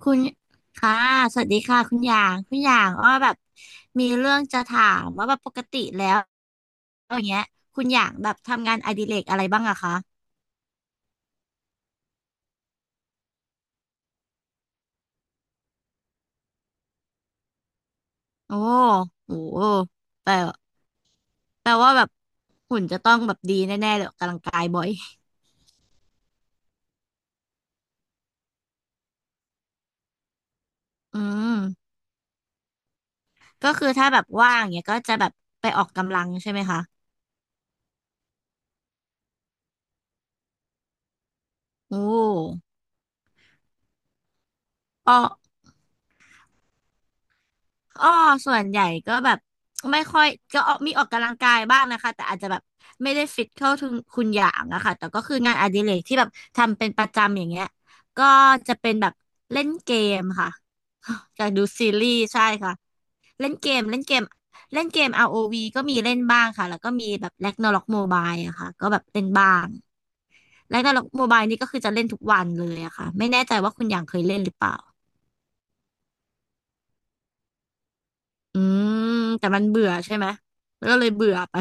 คุณค่ะสวัสดีค่ะคุณหยาง คุณหยางอ้อแบบมีเรื่องจะถามว่าแบบปกติแล้วอย่างเงี้ยคุณหยางแบบทำงานอดิเรกอะไรบ้างอะคะโอ้โหแปลแปลว่าแบบหุ่นจะต้องแบบดีแน่ๆเลยออกกำลังกายบ่อย อืมก็คือถ้าแบบว่างเงี้ยก็จะแบบไปออกกำลังใช่ไหมคะโอ้อ้อ อ้อส่วนใหญ่ก็แบบไม่ค่อยก็ออกมีออกกำลังกายบ้างนะคะแต่อาจจะแบบไม่ได้ฟิตเข้าถึงคุณอย่างอะค่ะแต่ก็คืองานอดิเรกที่แบบทำเป็นประจำอย่างเงี้ยก็จะเป็นแบบเล่นเกมค่ะ จะดูซีรีส์ใช่ค่ะเล่นเกมเล่นเกมเล่นเกม ROV ก็มีเล่นบ้างค่ะแล้วก็มีแบบ Ragnarok Mobile อะค่ะก็แบบเล่นบ้าง Ragnarok Mobile นี่ก็คือจะเล่นทุกวันเลยอะค่ะไม่แน่ใจว่าคุณอย่างเคยเล่นหรือเปล่าอืมแต่มันเบื่อใช่ไหมก็เลยเบื่อไป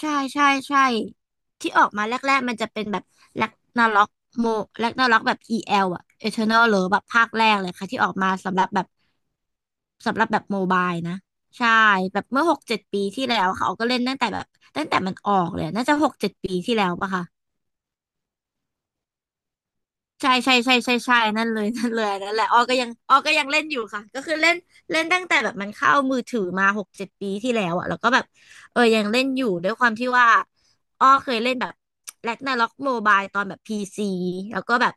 ใช่ใช่ใช่ที่ออกมาแรกๆมันจะเป็นแบบแร็กนาร็อกโมแร็กนาร็อกแบบ EL อลอะ Eternal หรือแบบภาคแรกเลยค่ะที่ออกมาสำหรับแบบสำหรับแบบโมบายนะใช่แบบเมื่อหกเจ็ดปีที่แล้วค่ะเขาก็เล่นตั้งแต่แบบตั้งแต่มันออกเลยน่าจะหกเจ็ดปีที่แล้วปะคะ ใช่ใช่ใช่ใช่ใช่นั่นเลย นั่นเลยนั่นแหละอ้อก็ยังอ้อก็ยังเล่นอยู่ค่ะก็คือเล่นเล่นตั้งแต่แบบมันเข้ามือถือมาหกเจ็ดปีที่แล้วอะแล้วก็แบบเออยังเล่นอยู่ด้วยความที่ว่าอ้อเคยเล่นแบบแร็กนาร็อกโมบายตอนแบบพีซีแล้วก็แบบ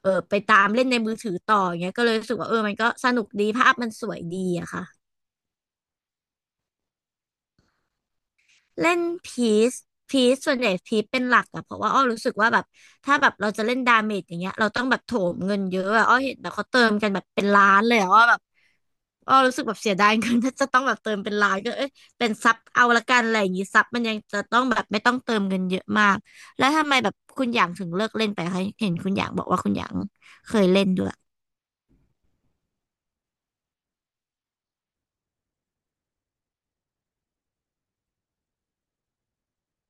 เออไปตามเล่นในมือถือต่ออย่างเงี้ยก็เลยรู้สึกว่าเออมันก็สนุกดีภาพมันสวยดีอะค่ะ เล่นพีซพีซส่วนใหญ่พีซเป็นหลักอะเพราะว่าอ้อรู้สึกว่าแบบถ้าแบบเราจะเล่นดาเมจอย่างเงี้ยเราต้องแบบโถมเงินเยอะอะอ้อเห็นแบบเขาเติมกันแบบเป็นล้านเลยอะอ้อแบบอ้อรู้สึกแบบเสียดายเงิน ถ้าจะต้องแบบเติมเป็นล้านก็เอ้ยเป็นซับเอาละกันอะไรอย่างงี้ซับมันยังจะต้องแบบไม่ต้องเติมเงินเยอะมากแล้วทำไมแบบคุณหยางถึงเลิกเล่นไปคะเห็นคุณหยางบอกว่าคุณหยางเคยเล่นด้วย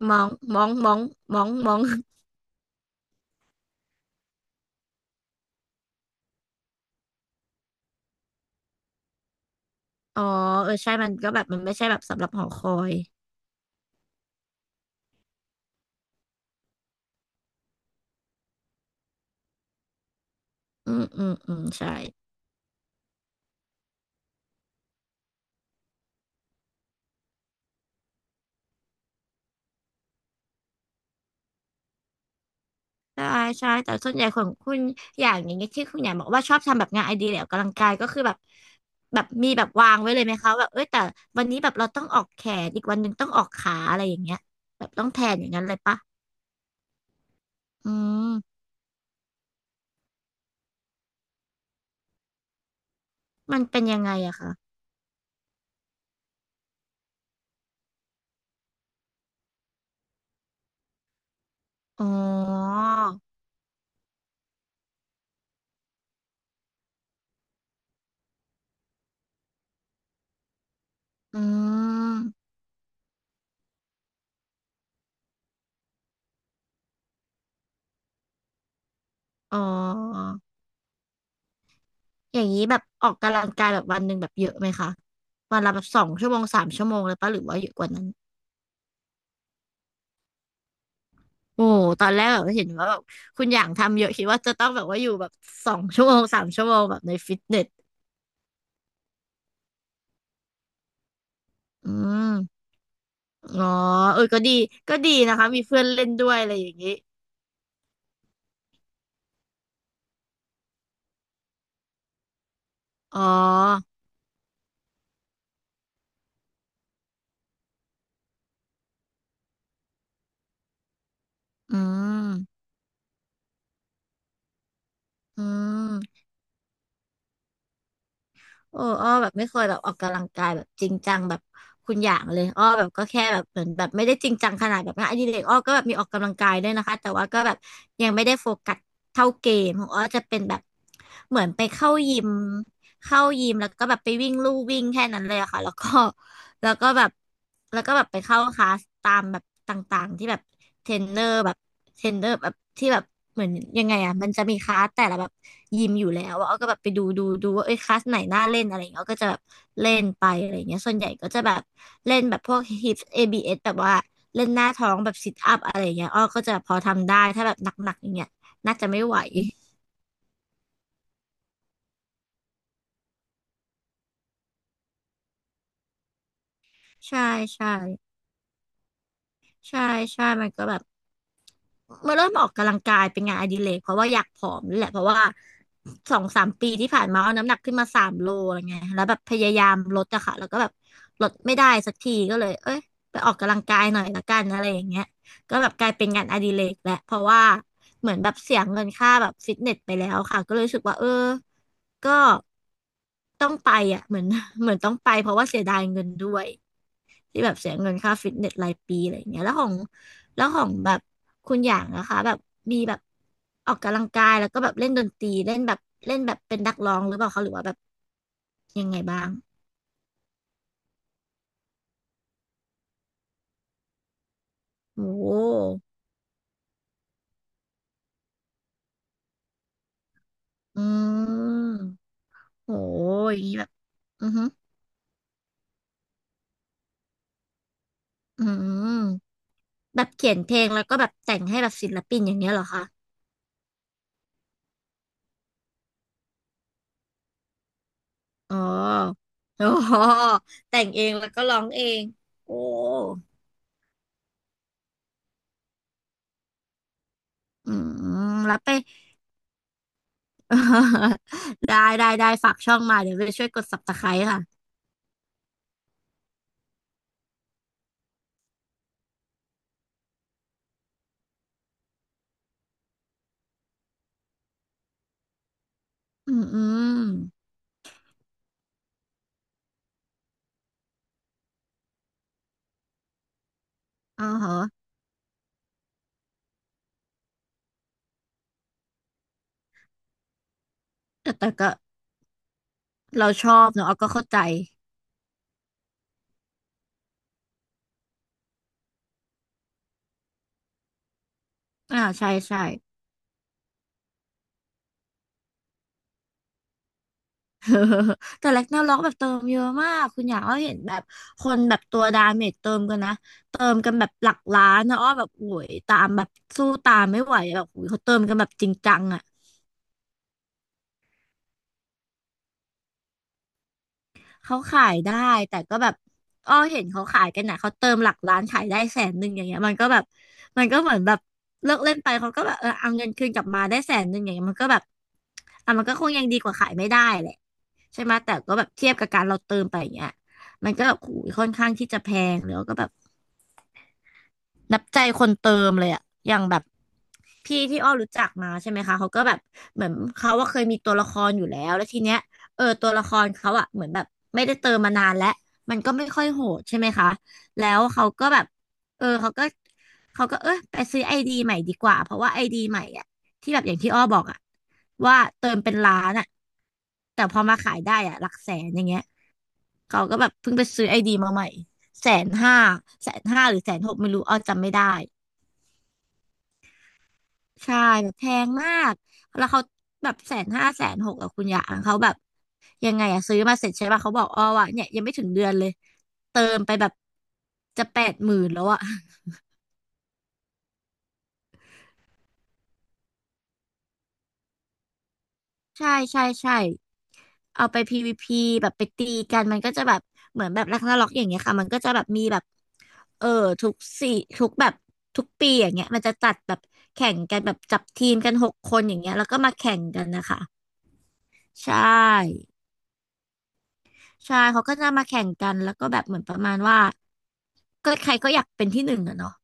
มองมองมองมองมองอ๋อเออใช่มันก็แบบมันไม่ใช่แบบสำหรับหอคอยอืมอืมอืมใช่ ใช่ใช่แต่ส่วนใหญ่ของคุณอย่างอย่างเงี้ยที่คุณอย่างบอกว่าชอบทำแบบงานไอเดียหรือออกกำลังกายก็คือแบบแบบมีแบบวางไว้เลยไหมคะแบบเอ้ยแต่วันนี้แบบเราต้องออกแขนอีกวันหนึ่งต้องออกขาอะไรอย่างเงี้ยแบบต้องแทนอย่างนั้นเลยปะอืมมันเป็นยังไงอะคะอ๋ออืมอ๋ออย่างนี้แบบออกกำลังกายแบบวันหนึ่งแบบเยอะไหมคะวันละแบบสองชั่วโมงสามชั่วโมงเลยปะหรือว่าเยอะกว่านั้น โอ้ตอนแรกแบบเห็นว่าแบบคุณอย่างทำเยอะคิดว่าจะต้องแบบว่าอยู่แบบสองชั่วโมงสามชั่วโมงแบบในฟิตเนส อืม อ๋อ เออ ก็ดี ก็ดีนะคะ มีเพื่อนเล่นด้วยอะไรอย่างนี้ อ๋อ อืม อืม โอ้อ้อแบบไม่เคยแบบออกกำลังกายแบบจริงจังแบบคุณอย่างเลยอ้อแบบก็แค่แบบเหมือนแบบไม่ได้จริงจังขนาดแบบงานอดิเรกอ้อก็แบบมีออกกำลังกายด้วยนะคะ แต่ว่าก็แบบยังไม่ได้โฟกัสเท่าเกมของอ้อจะเป็นแบบเหมือนไปเข้ายิมเข้ายิมแล้วก็แบบไปวิ่งลู่วิ่งแค่นั้นเลยอะค่ะแล้วก็ แล้วก็แบบแล้วก็แบบไปเข้าคลาสตามแบบต่างๆที่แบบเทรนเนอร์แบบเทรนเนอร์แบบที่แบบเหมือนยังไงอ่ะมันจะมีคลาสแต่ละแบบยิมอยู่แล้วอะอ้อก็แบบไปดูดูดูว่าเอ้ยคลาสไหนน่าเล่นอะไรอย่างเงี้ยอ้อก็จะแบบเล่นไปอะไรอย่างเงี้ยส่วนใหญ่ก็จะแบบเล่นแบบพวก hips ABS แบบว่าเล่นหน้าท้องแบบ sit up อะไรอย่างเงี้ยอ้อก็จะพอทำได้ถ้าแบบหนักๆอย่างเงี้ยน่าจะไม่ไหวใช่ใช่ใช่ใช่มันก็แบบ เมาเริ่มออกกำลังกายเป็นงานอดิเรกเพราะว่าอยากผอมนี่แหละเพราะว่าสองสามปีที่ผ่านมาเอาน้ำหนักขึ้นมาสามโลอะไรเงี้ยแล้วแบบพยายามลดอะค่ะแล้วก็แบบลดไม่ได้สักทีก็เลยเอ้ยไปออกกำลังกายหน่อยละกันอะไรอย่างเงี้ยก็แบบกลายเป็นงานอดิเรกแหละเพราะว่าเหมือนแบบเสียเงินค่าแบบฟิตเนสไปแล้วค่ะก็เลยรู้สึกว่าเออก็ต้องไปอะเหมือนต้องไปเพราะว่าเสียดายเงินด้วย ที่แบบเสียเงินค่าฟิตเนสรายปีอะไรอย่างเงี้ยแล้วของแบบคุณอย่างนะคะแบบมีแบบออกกำลังกายแล้วก็แบบเล่นดนตรีเล่นแบบเป็นนักร้องหรือเปล่าคะหรือว่าแบบยังไงบ้างโอ้โหอืมโหอย่างนี้แบบอือฮึอืมแบบเขียนเพลงแล้วก็แบบแต่งให้แบบศิลปินอย่างเงี้ยเหรอคะอ๋อโอ้โหแต่งเองแล้วก็ร้องเองโอ้อืมแล้วไป ได้ได้ได้ฝากช่องมาเดี๋ยวไปช่วยกดซับสไคร b ์ค่ะอืมอืมอ๋อเหรอแต่ก็เราชอบเนอะเอาก็เข้าใจอ่าใช่ใช่ แต่แรกนาล็อกแบบเติมเยอะมากคุณอยากอ้อเห็นแบบคนแบบตัวดาเมจเติมกันนะ เติมกันแบบหลักล้านนะอ้อแบบโอ้ยตามแบบสู้ตามไม่ไหวแบบโอ้ยเขาเติมกันแบบจริงจังอะ เขาขายได้แต่ก็แบบอ้อเห็นเขาขายกันนะเขาเติมหลักล้านขายได้แสนหนึ่งอย่างเงี้ยมันก็แบบมันก็เหมือนแบบเลิกเล่นไปเขาก็แบบเออเอาเงินคืนกลับมาได้แสนหนึ่งอย่างเงี้ยมันก็แบบอ่ะมันก็คงยังดีกว่าขายไม่ได้แหละใช่ไหมแต่ก็แบบเทียบกับการเราเติมไปอย่างเงี้ยมันก็แบบโอ้ยค่อนข้างที่จะแพงแล้วก็แบบนับใจคนเติมเลยอะอย่างแบบ พี่ที่อ้อรู้จักมาใช่ไหมคะเขาก็แบบเหมือนเขาว่าเคยมีตัวละครอยู่แล้วแล้วทีเนี้ยเออตัวละครเขาอะเหมือนแบบไม่ได้เติมมานานแล้วมันก็ไม่ค่อยโหดใช่ไหมคะแล้วเขาก็แบบเออเขาก็เออไปซื้อไอดีใหม่ดีกว่าเพราะว่าไอดีใหม่อะที่แบบอย่างที่อ้อบอกอะว่าเติมเป็นล้านอะแต่พอมาขายได้อะหลักแสนอย่างเงี้ยเขาก็แบบเพิ่งไปซื้อไอดีมาใหม่แสนห้าหรือแสนหกไม่รู้อ้อจำไม่ได้ ใช่แบบแพงมากแล้วเขาแบบแสนห้าแสนหกอะคุณยางเขาแบบยังไงอะซื้อมาเสร็จใช่ป่ะเขาบอกอ๋อวะเนี่ยยังไม่ถึงเดือนเลยเติมไปแบบจะแปดหมื่นแล้วอะ ใช่ใช่ใช่เอาไป PVP แบบไปตีกันมันก็จะแบบเหมือนแบบรักนาร็อกอย่างเงี้ยค่ะมันก็จะแบบมีแบบเออทุกสี่ทุกแบบทุกปีอย่างเงี้ยมันจะจัดแบบแข่งกันแบบจับทีมกันหกคนอย่างเงี้ยแล้วก็มาแข่งกันนะคะใช่ ใช่ เขาก็จะมาแข่งกัน แล้วก็แบบเหมือนประมาณว่าก็ใครก็อยากเป็นที่หนึ่งอะเนาะ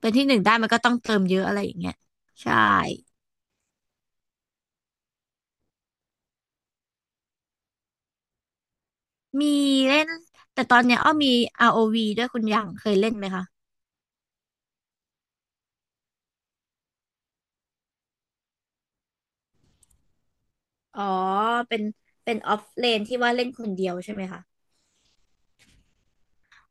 เป็นที่หนึ่งได้มันก็ต้องเติมเยอะอะไรอย่างเงี้ยใช่ มีเล่น แต่ตอนเนี้ยอ้อมี ROV ด้วยคุณหยางเคยเล่นไหมคะ อ๋อ เป็นออฟเลนที่ว่าเล่นคนเดียวใช่ไหมคะ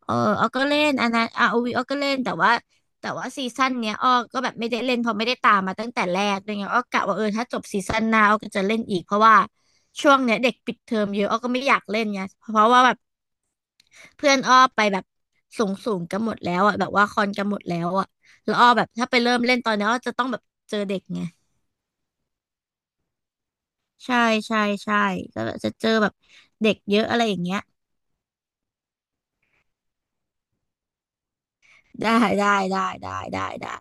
เอออ้อก็เล่นอันนั้น ROVอ้อก็เล่นแต่ว่าซีซั่นเนี้ยอ้อก็แบบไม่ได้เล่นเพราะไม่ได้ตามมาตั้งแต่แรกด้วยไงอ้อกะว่าเออถ้าจบซีซั่นหน้าอ้อก็จะเล่นอีกเพราะว่าช่วงเนี้ยเด็กปิดเทอมเยอะอ้อก็ไม่อยากเล่นไงเพราะว่าแบบเพื่อนอ้อไปแบบสูงสูงกันหมดแล้วอ่ะแบบว่าคอนกันหมดแล้วอ่ะแล้วอ้อแบบถ้าไปเริ่มเล่นตอนเนี้ยอ้อจะต้องแบบเจอเด็กไงใช่ใช่ใช่ก็แบบจะเจอแบบเด็กเยอะอะไรอย่างเงี้ยได้ได้ได้ได้ได้ได้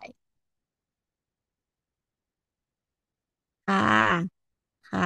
ค่ะค่ะ